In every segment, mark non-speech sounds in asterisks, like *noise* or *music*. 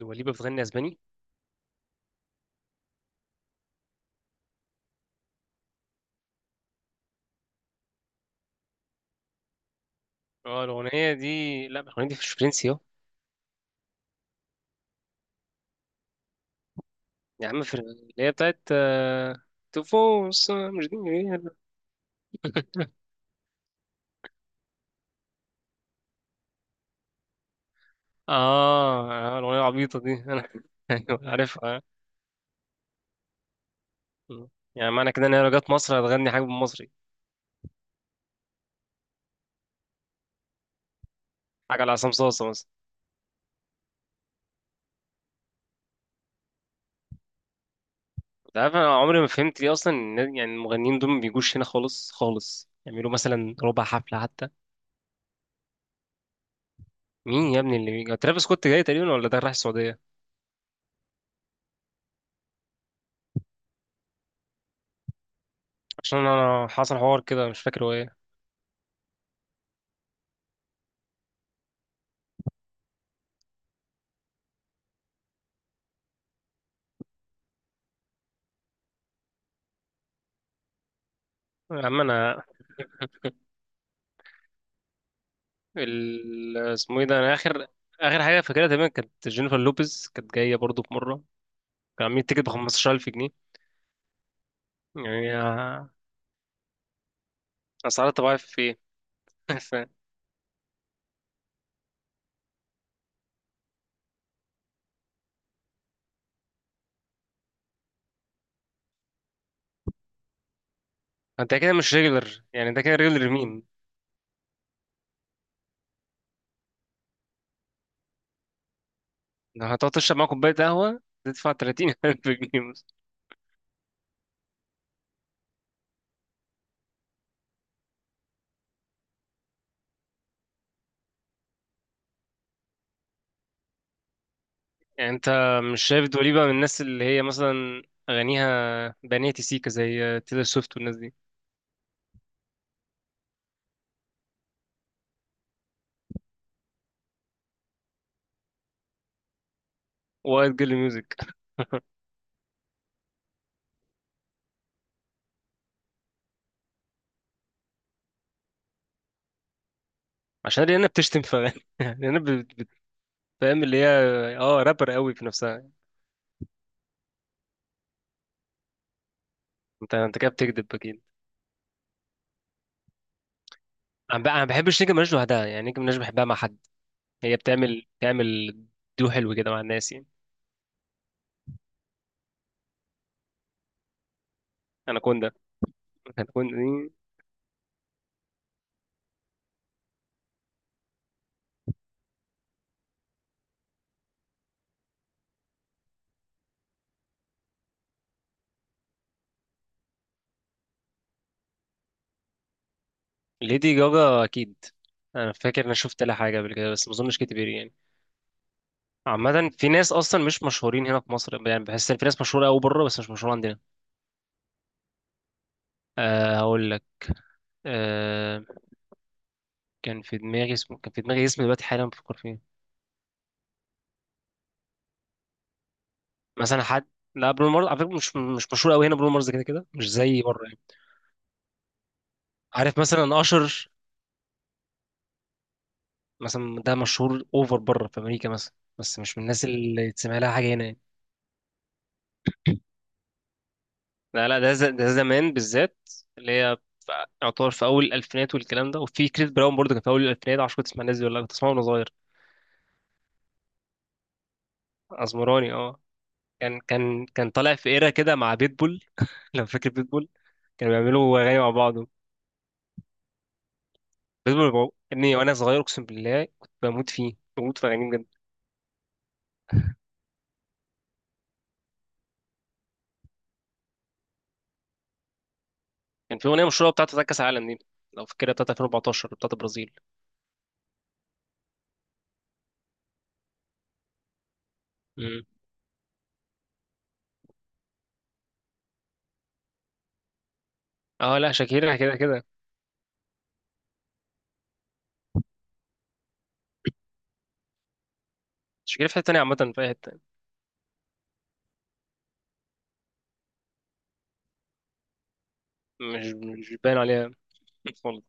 دواليبا بتغني اسباني؟ اه، الاغنيه دي. لا، الاغنيه دي مش فرنسي اه. يا عم، اللي هي بتاعت، تفوس مش دي إيه؟ اه. الاغنيه العبيطه دي انا *laughs* أيوة، عارفها. آه. يعني معنى كده ان هي لو جت مصر هتغني حاجه بالمصري. حاجه على عصام صاصا مثلا. انت عارف انا عمري ما فهمت ليه اصلا، يعني المغنيين دول ما بيجوش هنا خالص خالص يعملوا مثلا ربع حفله حتى. مين يا ابني اللي بيجي؟ ترافيس سكوت جاي تقريبا، ولا ده رايح السعوديه؟ عشان انا حصل حوار كده، مش فاكر هو ايه. يا عم انا، اسمه ايه ده، انا اخر اخر حاجه فاكرها تقريبا كانت جينيفر لوبيز، كانت جايه برضو في مره. كان عاملين تيكت ب 15,000 جنيه. يعني اسعار طبيعيه في ايه؟ *laughs* ف- انت كده مش ريجولر؟ يعني انت كده ريجولر مين؟ لو هتقعد تشرب معاه كوبايه قهوه تدفع 30,000 جنيه مثلا. يعني انت مش شايف دوليبة من الناس اللي هي مثلا اغانيها بنية سيكا زي تيلر سويفت والناس دي؟ وايت جيرل ميوزك. عشان ريانا بتشتم في اغاني. *laughs* ريانا فاهم اللي هي، اه، رابر قوي في نفسها. انت كده بتكذب اكيد. انا، انا ما بحبش نيجي مناش لوحدها، يعني نيجي مناش بحبها مع حد. هي بتعمل دو حلو كده مع الناس يعني. انا كوندا. انا كوندا دي. ليدي جاجا اكيد. انا فاكر انا شفت لها حاجه قبل كده، بس ما اظنش كتير يعني. عامه في ناس اصلا مش مشهورين هنا في مصر، يعني بحس ان في ناس مشهوره قوي بره بس مش مشهوره عندنا. أه، هقول لك. أه، كان في دماغي اسم دلوقتي، حالا بفكر فيه. مثلا حد. لا، برونو مارس على فكره مش مشهور قوي هنا، برونو مارس كده كده مش زي بره يعني. عارف مثلا اشر، مثلا ده مشهور اوفر بره في امريكا مثلا، بس مش من الناس اللي تسمع لها حاجه هنا يعني. لا لا، ده ده زمان بالذات، اللي هي يعتبر في اول الالفينات والكلام ده، وفي كريس براون برضه كان في اول الالفينات. عشان كنت تسمع الناس دي ولا لأ، كنت اسمعه وانا صغير. اسمراني اه. كان طالع في ايرا كده مع بيتبول. *laughs* لو فاكر بيتبول. كانوا بيعملوا اغاني مع بعض. ابني وانا صغير اقسم بالله كنت بموت فيه، بموت في اغانيه بجد. كان في اغنيه مشهوره بتاعته بتاعت كاس العالم دي، لو فاكرها بتاعت 2014 بتاعت البرازيل. مم. اه، لا، شاكيرا كده كده. تشكيلة في حتة تانية عامة في أي حتة. مش مش باين عليها خالص.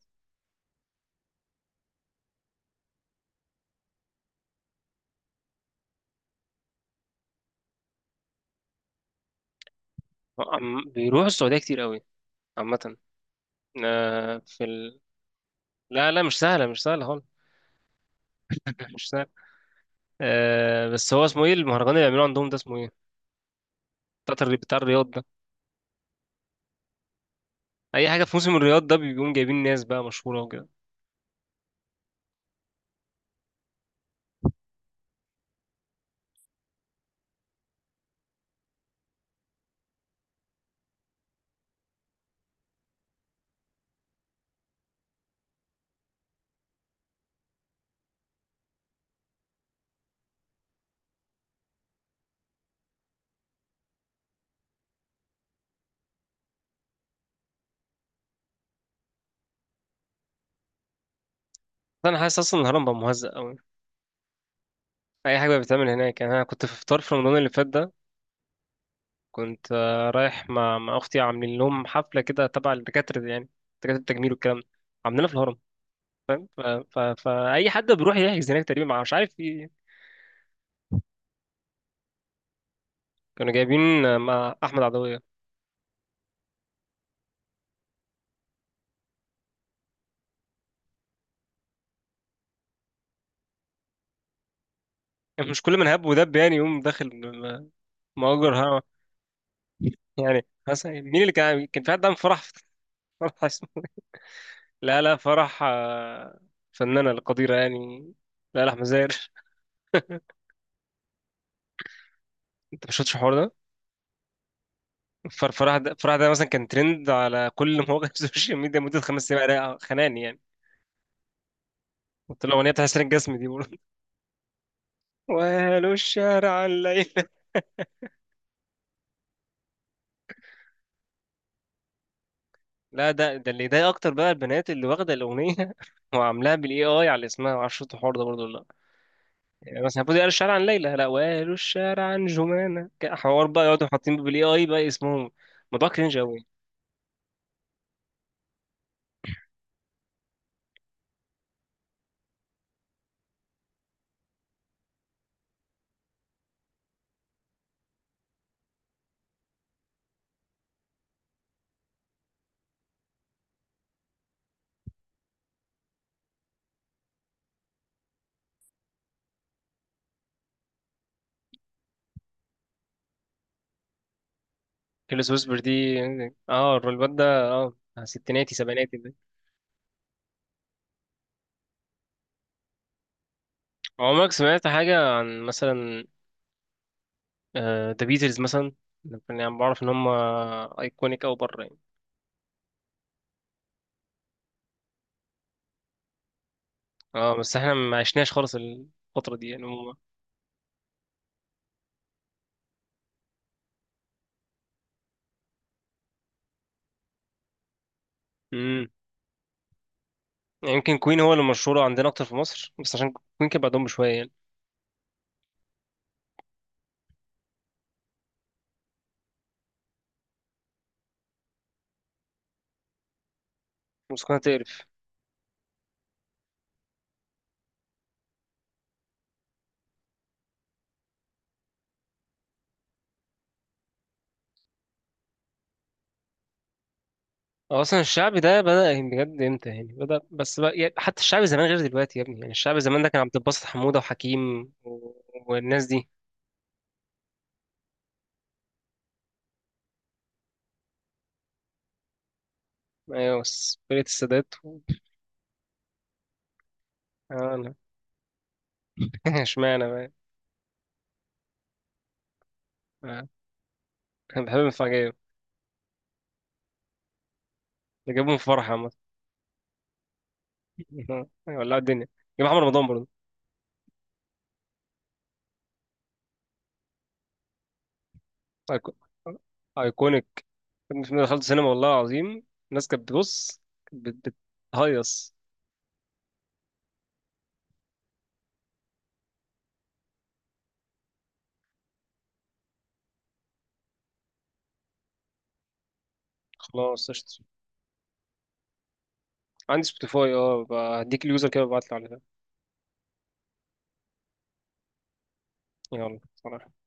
بيروحوا السعودية كتير قوي عامة. آه، في ال... لا لا، مش سهلة، مش سهلة خالص. *laughs* مش سهلة. بس هو اسمه ايه المهرجان اللي بيعملوه عندهم ده، اسمه ايه؟ بتاع بتاع الرياض ده. أي حاجة في موسم الرياض ده بيقوم جايبين ناس بقى مشهورة وكده. أنا حاسس أصلا الهرم بقى مهزأ قوي. أي حاجة بقى بتتعمل هناك، يعني أنا كنت في فطار في رمضان اللي فات ده. كنت رايح مع أختي، عاملين لهم حفلة كده تبع الدكاترة دي يعني، دكاترة التجميل والكلام ده. عاملينها في الهرم. فأي حد بيروح يحجز هناك تقريبا، مع مش عارف في. كانوا جايبين مع أحمد عدوية. يعني مش كل من هب ودب يعني يقوم داخل، مؤجر، ها. يعني مثلا مين اللي كان في حد عامل فرح *laughs* فرح اسمه؟ لا لا، فرح، فنانة القديرة يعني. لا لا، أحمد زاهر. *laughs* أنت ما شفتش الحوار ده؟ فرح ده، فرح ده مثلا كان ترند على كل مواقع *laughs* السوشيال ميديا مدة 5 أيام، خناني يعني. قلت له أغنية بتاع حسين الجسمي دي بقول *laughs* وهلو الشارع الليل. لا، ده اللي يضايق اكتر بقى، البنات اللي واخده الاغنيه *laughs* وعاملاها بالاي اي على اسمها، ما اعرفش الحوار ده برضه ولا لا. يعني مثلا المفروض قالوا الشارع عن ليلى، لا، وقالوا الشارع عن جمانه، حوار بقى يقعدوا حاطين بالاي اي بقى اسمهم. موضوع كرنج قوي. كيلو ويسبر دي. اه، الواد ده. اه. ستيناتي سبعيناتي ده. عمرك سمعت حاجه عن مثلا ذا بيتلز مثلا؟ يعني بعرف ان هم ايكونيك او بره يعني. اه، بس احنا ما عشناش خالص الفتره دي يعني هم. يعني يمكن كوين هو اللي مشهور عندنا اكتر في مصر، بس عشان كوين كان بعدهم بشويه يعني. بس كنا تقرف. هو اصلا الشعب ده بدأ يعني بجد امتى؟ يعني بدأ بس بقى يعني، حتى الشعب زمان غير دلوقتي يا ابني، يعني الشعب زمان ده كان عبد الباسط حمودة وحكيم و... والناس دي. ايوه، بس فرقة السادات و... انا *laughs* اشمعنى بقى. آه، انا بحب المفاجأة. اللي جابهم في فرح عامة. *laughs* ولع الدنيا. جاب محمد رمضان برضه. أيكو- ايكونيك. الفيلم ده دخلت سينما والله العظيم. الناس كانت بتبص، كانت بتهيص. خلاص قشطة. عندي سبوتيفاي اه، بقى هديك اليوزر كده وابعتلي عليها. يلا سلام.